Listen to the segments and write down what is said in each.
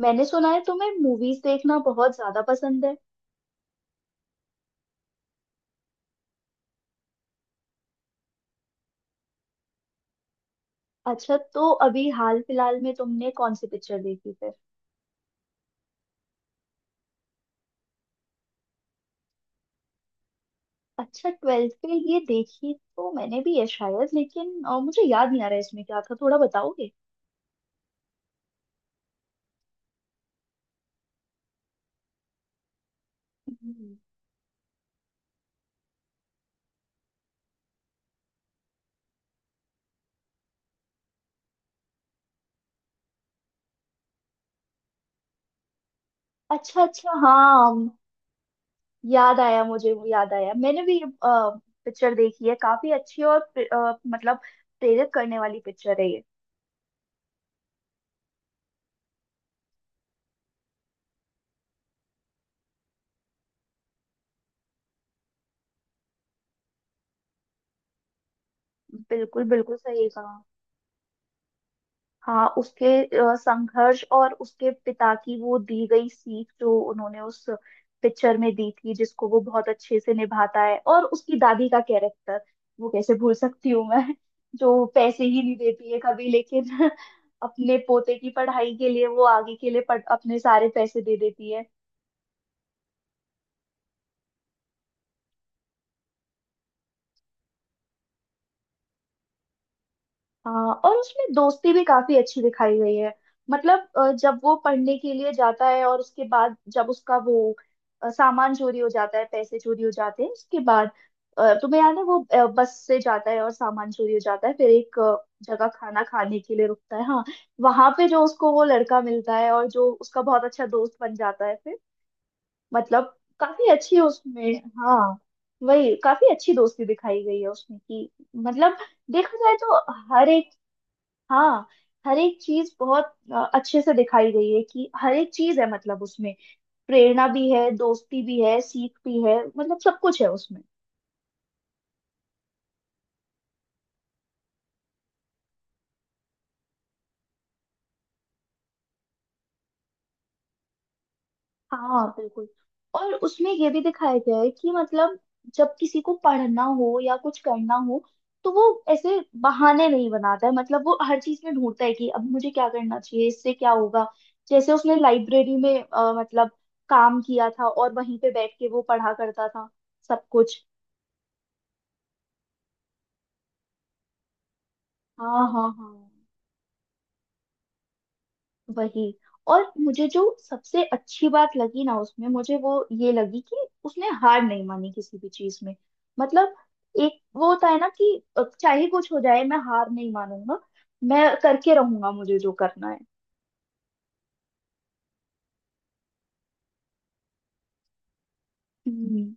मैंने सुना है तुम्हें मूवीज देखना बहुत ज्यादा पसंद है। अच्छा, तो अभी हाल फिलहाल में तुमने कौन सी पिक्चर देखी फिर? अच्छा, ट्वेल्थ पे ये देखी तो मैंने भी है शायद, लेकिन मुझे याद नहीं आ रहा है इसमें क्या था, थोड़ा बताओगे? हम्म। अच्छा अच्छा, हाँ। याद आया, मुझे वो याद आया, मैंने भी ये पिक्चर देखी है, काफी अच्छी। और मतलब प्रेरित करने वाली पिक्चर है ये। बिल्कुल बिल्कुल सही कहा। हाँ, उसके संघर्ष और उसके पिता की वो दी गई सीख जो उन्होंने उस पिक्चर में दी थी, जिसको वो बहुत अच्छे से निभाता है। और उसकी दादी का कैरेक्टर, वो कैसे भूल सकती हूँ मैं, जो पैसे ही नहीं देती है कभी, लेकिन अपने पोते की पढ़ाई के लिए वो आगे के लिए अपने सारे पैसे दे देती है। हाँ, और उसमें दोस्ती भी काफी अच्छी दिखाई गई है। मतलब जब वो पढ़ने के लिए जाता है, और उसके बाद जब उसका वो सामान चोरी हो जाता है, पैसे चोरी हो जाते हैं, उसके बाद तुम्हें याद है वो बस से जाता है और सामान चोरी हो जाता है, फिर एक जगह खाना खाने के लिए रुकता है। हाँ, वहां पे जो उसको वो लड़का मिलता है, और जो उसका बहुत अच्छा दोस्त बन जाता है फिर, मतलब काफी अच्छी है उसमें। हाँ, वही, काफी अच्छी दोस्ती दिखाई गई है उसमें कि, मतलब देखा जाए तो हर एक, हाँ, हर एक चीज बहुत अच्छे से दिखाई गई है। कि हर एक चीज है मतलब उसमें, प्रेरणा भी है, दोस्ती भी है, सीख भी है, मतलब सब कुछ है उसमें। हाँ बिल्कुल, और उसमें ये भी दिखाया गया है कि मतलब जब किसी को पढ़ना हो या कुछ करना हो, तो वो ऐसे बहाने नहीं बनाता है। मतलब वो हर चीज में ढूंढता है कि अब मुझे क्या करना चाहिए, इससे क्या होगा। जैसे उसने लाइब्रेरी में मतलब काम किया था और वहीं पे बैठ के वो पढ़ा करता था सब कुछ। हाँ हाँ हाँ, वही। और मुझे जो सबसे अच्छी बात लगी ना उसमें, मुझे वो ये लगी कि उसने हार नहीं मानी किसी भी चीज में। मतलब एक वो होता है ना कि चाहे कुछ हो जाए मैं हार नहीं मानूंगा, मैं करके रहूंगा मुझे जो करना है। हम्म।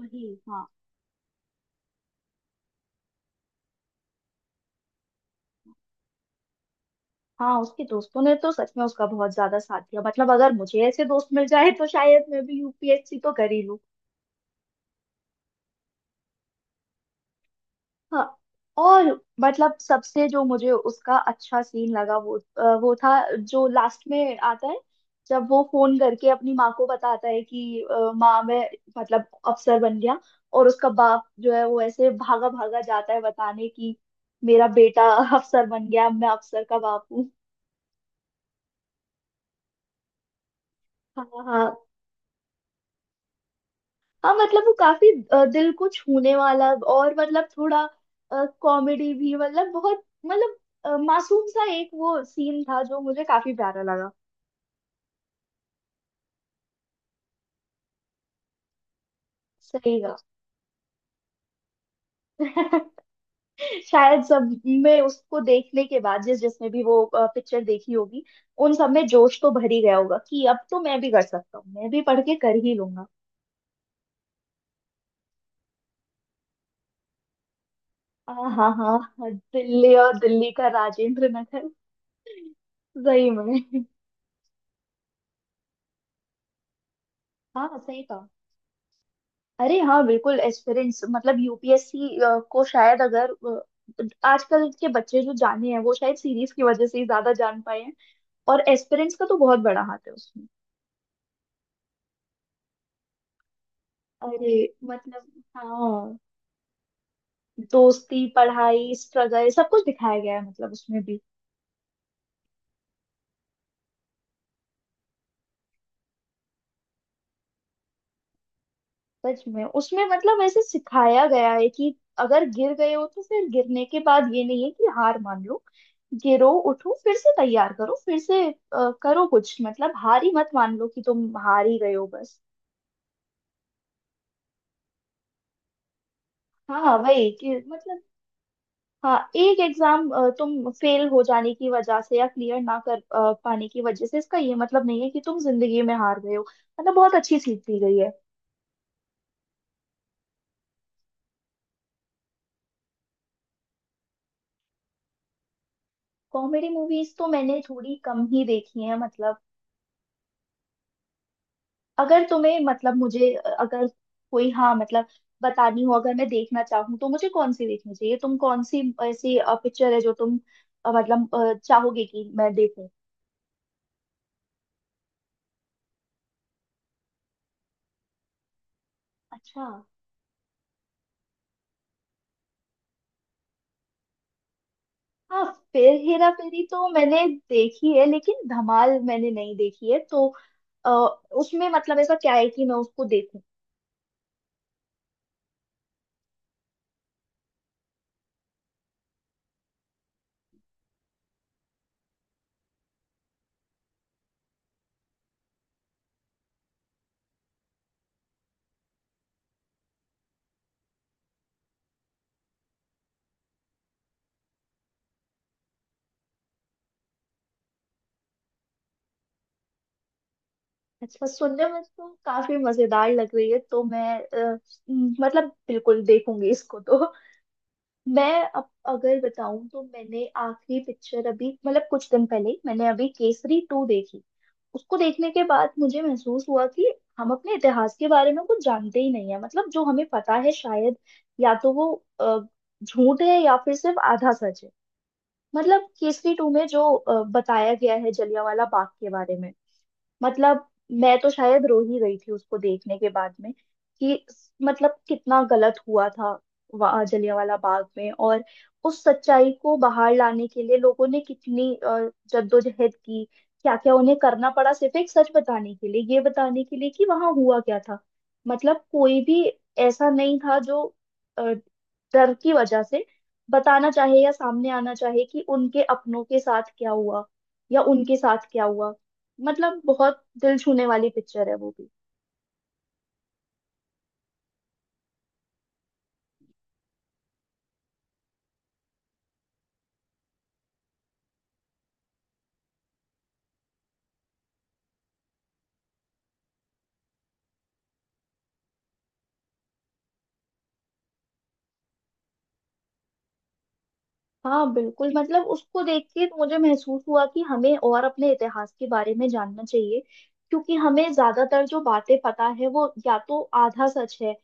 वही, हाँ। हाँ, उसके दोस्तों ने तो सच में उसका बहुत ज्यादा साथ दिया। मतलब अगर मुझे ऐसे दोस्त मिल जाए तो शायद मैं भी यूपीएससी तो कर ही लूं। हाँ, और मतलब सबसे जो मुझे उसका अच्छा सीन लगा वो वो था जो लास्ट में आता है, जब वो फोन करके अपनी माँ को बताता है कि माँ मैं मतलब अफसर बन गया। और उसका बाप जो है वो ऐसे भागा भागा जाता है बताने कि मेरा बेटा अफसर बन गया, मैं अफसर का बाप हूँ। हाँ हाँ हाँ। हाँ, मतलब वो काफी दिल को छूने वाला, और मतलब थोड़ा कॉमेडी भी, मतलब बहुत मतलब मासूम सा एक वो सीन था जो मुझे काफी प्यारा लगा। सही का। शायद सब में, उसको देखने के बाद जिस जिसने भी वो पिक्चर देखी होगी, उन सब में जोश तो भर ही गया होगा कि अब तो मैं भी कर सकता हूँ, मैं भी पढ़ के कर ही लूंगा। हाँ हाँ हाँ, दिल्ली और दिल्ली का राजेंद्र नगर। सही में। हाँ सही। अरे हाँ बिल्कुल, एस्पिरेंट्स, मतलब यूपीएससी को शायद अगर आजकल के बच्चे जो जाने हैं वो शायद सीरीज की वजह से ही ज्यादा जान पाए हैं। और एस्पिरेंट्स का तो बहुत बड़ा हाथ है उसमें। अरे मतलब, हाँ, दोस्ती, पढ़ाई, स्ट्रगल, सब कुछ दिखाया गया है मतलब उसमें भी। सच में उसमें मतलब ऐसे सिखाया गया है कि अगर गिर गए हो तो फिर गिरने के बाद ये नहीं है कि हार मान लो। गिरो उठो, फिर से तैयार करो, फिर से करो कुछ, मतलब हार ही मत मान लो कि तुम हार ही गए हो बस। हाँ वही कि मतलब, हाँ, एक एग्जाम तुम फेल हो जाने की वजह से या क्लियर ना कर पाने की वजह से, इसका ये मतलब नहीं है कि तुम जिंदगी में हार गए हो। मतलब बहुत अच्छी सीख दी गई है। कॉमेडी मूवीज तो मैंने थोड़ी कम ही देखी है, मतलब अगर तुम्हें मतलब मुझे अगर कोई, हाँ मतलब बतानी हो, अगर मैं देखना चाहूँ तो मुझे कौन सी देखनी चाहिए? तुम कौन सी ऐसी पिक्चर है जो तुम मतलब चाहोगे कि मैं देखूं? अच्छा। हाँ, फिर हेरा फेरी तो मैंने देखी है, लेकिन धमाल मैंने नहीं देखी है, तो अ, उसमें मतलब ऐसा क्या है कि मैं उसको देखूं? अच्छा, सुनने में तो काफी मजेदार लग रही है, तो मैं अ, मतलब बिल्कुल देखूंगी इसको तो। मैं अब अगर बताऊं तो मैंने आखिरी पिक्चर अभी, मतलब कुछ दिन पहले ही मैंने अभी केसरी टू देखी। उसको देखने के बाद मुझे महसूस हुआ कि हम अपने इतिहास के बारे में कुछ जानते ही नहीं है। मतलब जो हमें पता है शायद या तो वो अ, झूठ है या फिर सिर्फ आधा सच है। मतलब केसरी टू में जो बताया गया है जलियांवाला बाग के बारे में, मतलब मैं तो शायद रो ही गई थी उसको देखने के बाद में। कि मतलब कितना गलत हुआ था वहाँ जलियांवाला बाग में, और उस सच्चाई को बाहर लाने के लिए लोगों ने कितनी जद्दोजहद की, क्या क्या उन्हें करना पड़ा सिर्फ एक सच बताने के लिए, ये बताने के लिए कि वहाँ हुआ क्या था। मतलब कोई भी ऐसा नहीं था जो अ, डर की वजह से बताना चाहे या सामने आना चाहे कि उनके अपनों के साथ क्या हुआ, या उनके साथ क्या हुआ। मतलब बहुत दिल छूने वाली पिक्चर है वो भी। हाँ बिल्कुल, मतलब उसको देख के मुझे महसूस हुआ कि हमें और अपने इतिहास के बारे में जानना चाहिए। क्योंकि हमें ज्यादातर जो बातें पता है वो या तो आधा सच है,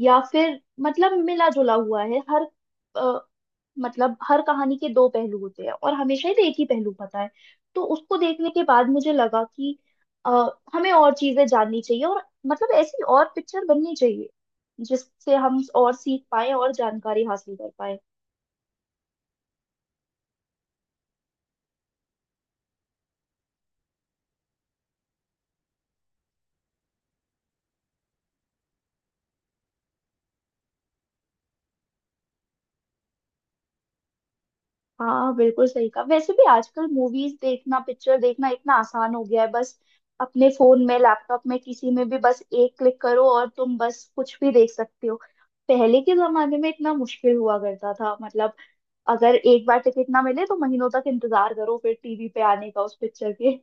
या फिर मतलब मिला जुला हुआ है। हर अ, मतलब हर कहानी के दो पहलू होते हैं, और हमेशा ही एक ही पहलू पता है। तो उसको देखने के बाद मुझे लगा कि अ, हमें और चीजें जाननी चाहिए, और मतलब ऐसी और पिक्चर बननी चाहिए, जिससे हम और सीख पाए और जानकारी हासिल कर पाए। हाँ बिल्कुल सही कहा। वैसे भी आजकल मूवीज देखना, पिक्चर देखना इतना आसान हो गया है, बस अपने फोन में, लैपटॉप में, किसी में भी बस एक क्लिक करो और तुम बस कुछ भी देख सकते हो। पहले के जमाने में इतना मुश्किल हुआ करता था, मतलब अगर एक बार टिकट ना मिले तो महीनों तक इंतजार करो फिर टीवी पे आने का उस पिक्चर के।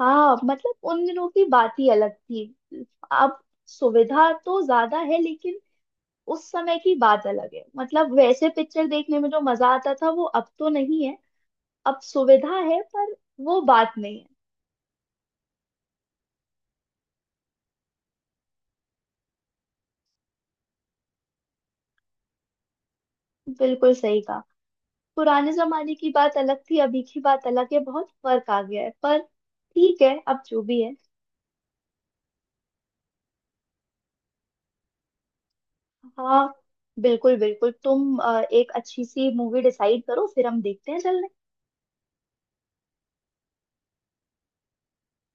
हाँ मतलब उन दिनों की बात ही अलग थी। अब सुविधा तो ज्यादा है लेकिन उस समय की बात अलग है, मतलब वैसे पिक्चर देखने में जो मजा आता था वो अब तो नहीं है। अब सुविधा है पर वो बात नहीं है। बिल्कुल सही कहा, पुराने जमाने की बात अलग थी, अभी की बात अलग है, बहुत फर्क आ गया है, पर ठीक है, अब जो भी है। हाँ बिल्कुल बिल्कुल, तुम एक अच्छी सी मूवी डिसाइड करो फिर हम देखते हैं चलने।